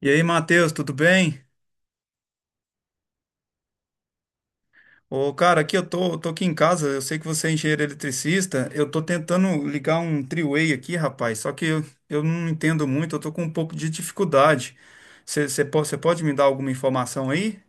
E aí, Matheus, tudo bem? Ô, cara, aqui eu tô aqui em casa, eu sei que você é engenheiro eletricista, eu tô tentando ligar um three-way aqui, rapaz, só que eu não entendo muito, eu tô com um pouco de dificuldade. Você pode me dar alguma informação aí?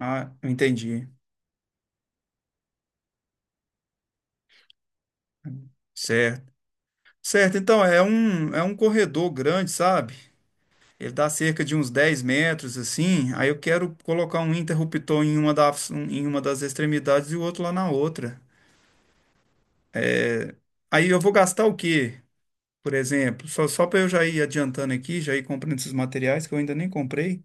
Ah, eu entendi. Certo. Certo, então, é um corredor grande, sabe? Ele dá cerca de uns 10 metros, assim, aí eu quero colocar um interruptor em uma das extremidades e o outro lá na outra. É. Aí eu vou gastar o quê? Por exemplo, só para eu já ir adiantando aqui, já ir comprando esses materiais que eu ainda nem comprei.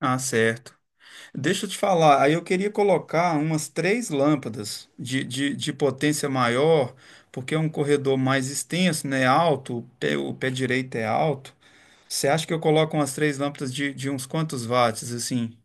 Ah, certo. Deixa eu te falar, aí eu queria colocar umas três lâmpadas de potência maior, porque é um corredor mais extenso, né? Alto, o pé direito é alto. Você acha que eu coloco umas três lâmpadas de uns quantos watts, assim?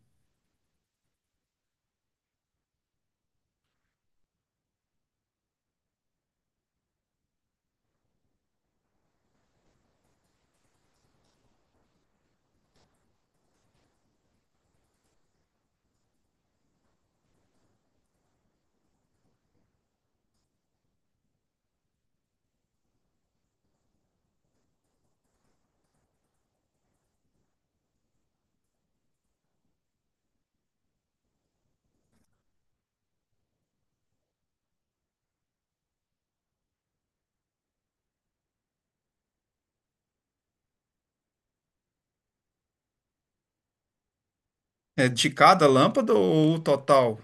É de cada lâmpada ou o total?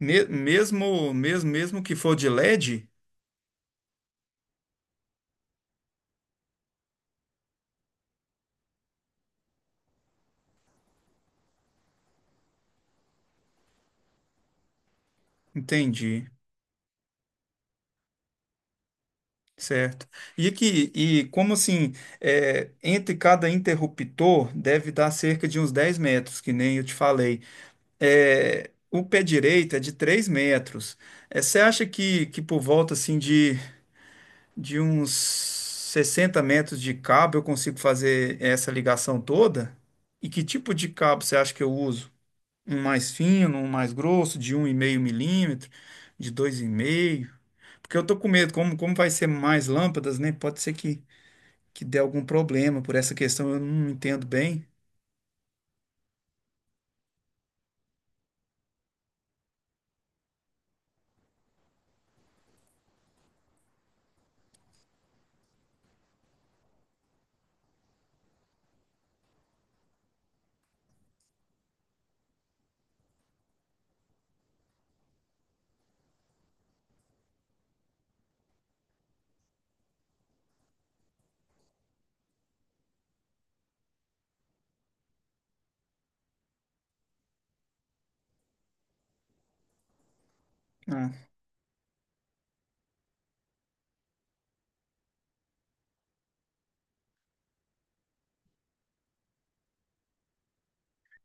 Mesmo que for de LED? Entendi. Certo. E aqui, e como assim, entre cada interruptor deve dar cerca de uns 10 metros, que nem eu te falei. É, o pé direito é de 3 metros. É, você acha que, por volta assim de uns 60 metros de cabo eu consigo fazer essa ligação toda? E que tipo de cabo você acha que eu uso? Um mais fino, um mais grosso, de um 1,5 milímetro, de 2,5? Porque eu tô com medo, como vai ser mais lâmpadas, né? Pode ser que dê algum problema por essa questão, eu não entendo bem. Ah,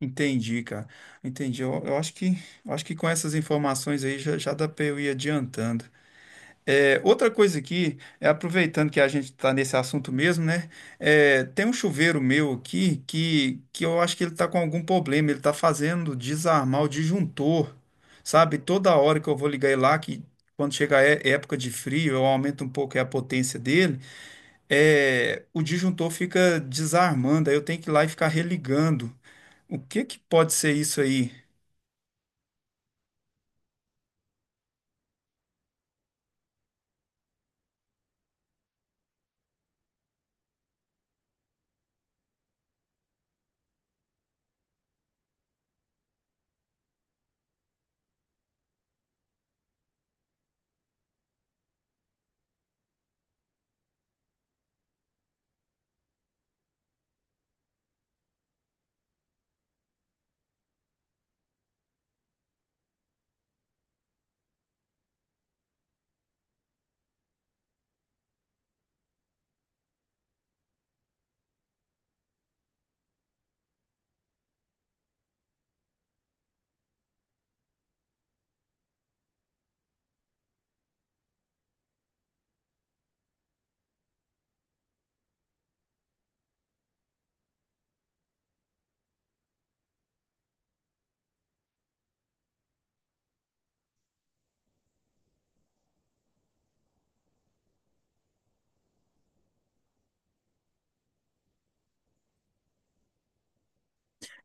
entendi, cara. Entendi. Eu acho que, eu acho que com essas informações aí já dá para eu ir adiantando. É, outra coisa aqui, aproveitando que a gente está nesse assunto mesmo, né? É, tem um chuveiro meu aqui que eu acho que ele está com algum problema. Ele está fazendo desarmar o disjuntor, sabe? Toda hora que eu vou ligar ele lá, que quando chega a época de frio, eu aumento um pouco aí a potência dele. É, o disjuntor fica desarmando, aí eu tenho que ir lá e ficar religando. O que que pode ser isso aí?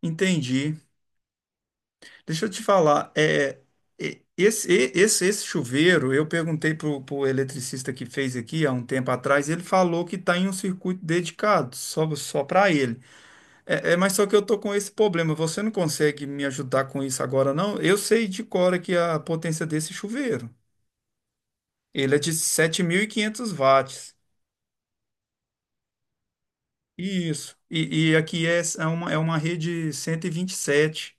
Entendi. Deixa eu te falar, esse chuveiro, eu perguntei para o eletricista que fez aqui há um tempo atrás, ele falou que está em um circuito dedicado, só para ele. Mas só que eu tô com esse problema, você não consegue me ajudar com isso agora, não? Eu sei de cor aqui a potência desse chuveiro. Ele é de 7.500 watts. Isso. E aqui é, é uma rede cento e vinte e sete.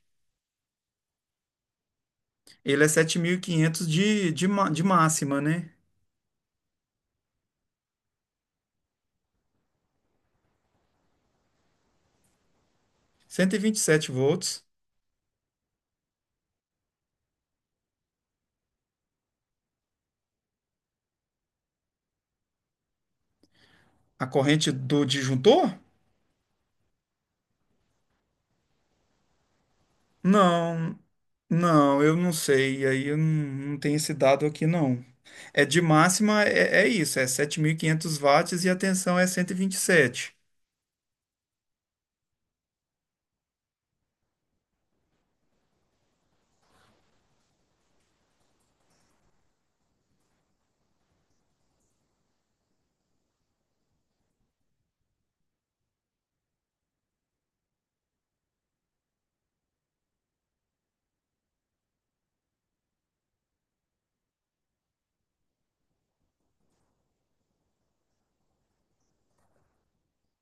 Ele é 7.500 de máxima, né? Cento e vinte e sete volts. A corrente do disjuntor? Não, não, eu não sei. Aí eu não tenho esse dado aqui, não. É de máxima, é isso. É 7.500 watts e a tensão é cento e vinte e sete.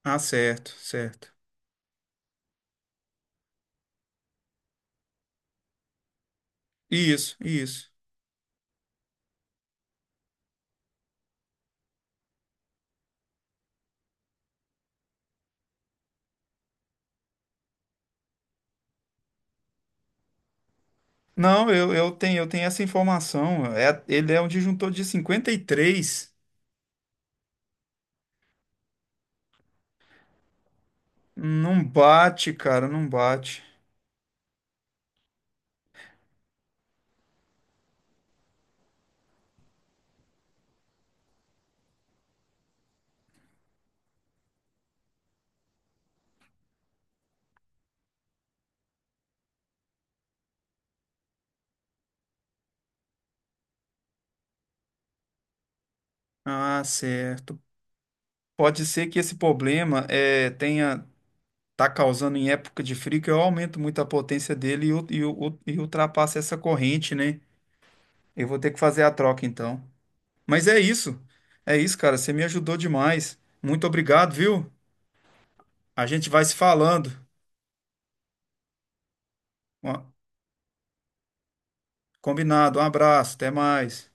Ah, certo, certo. Isso, isso. Não, eu tenho essa informação. É, ele é um disjuntor de 53. Não bate, cara, não bate. Ah, certo. Pode ser que esse problema tenha tá causando em época de frio que eu aumento muito a potência dele e ultrapassa essa corrente, né? Eu vou ter que fazer a troca então. Mas é isso. É isso, cara. Você me ajudou demais. Muito obrigado, viu? A gente vai se falando. Ó, combinado. Um abraço. Até mais.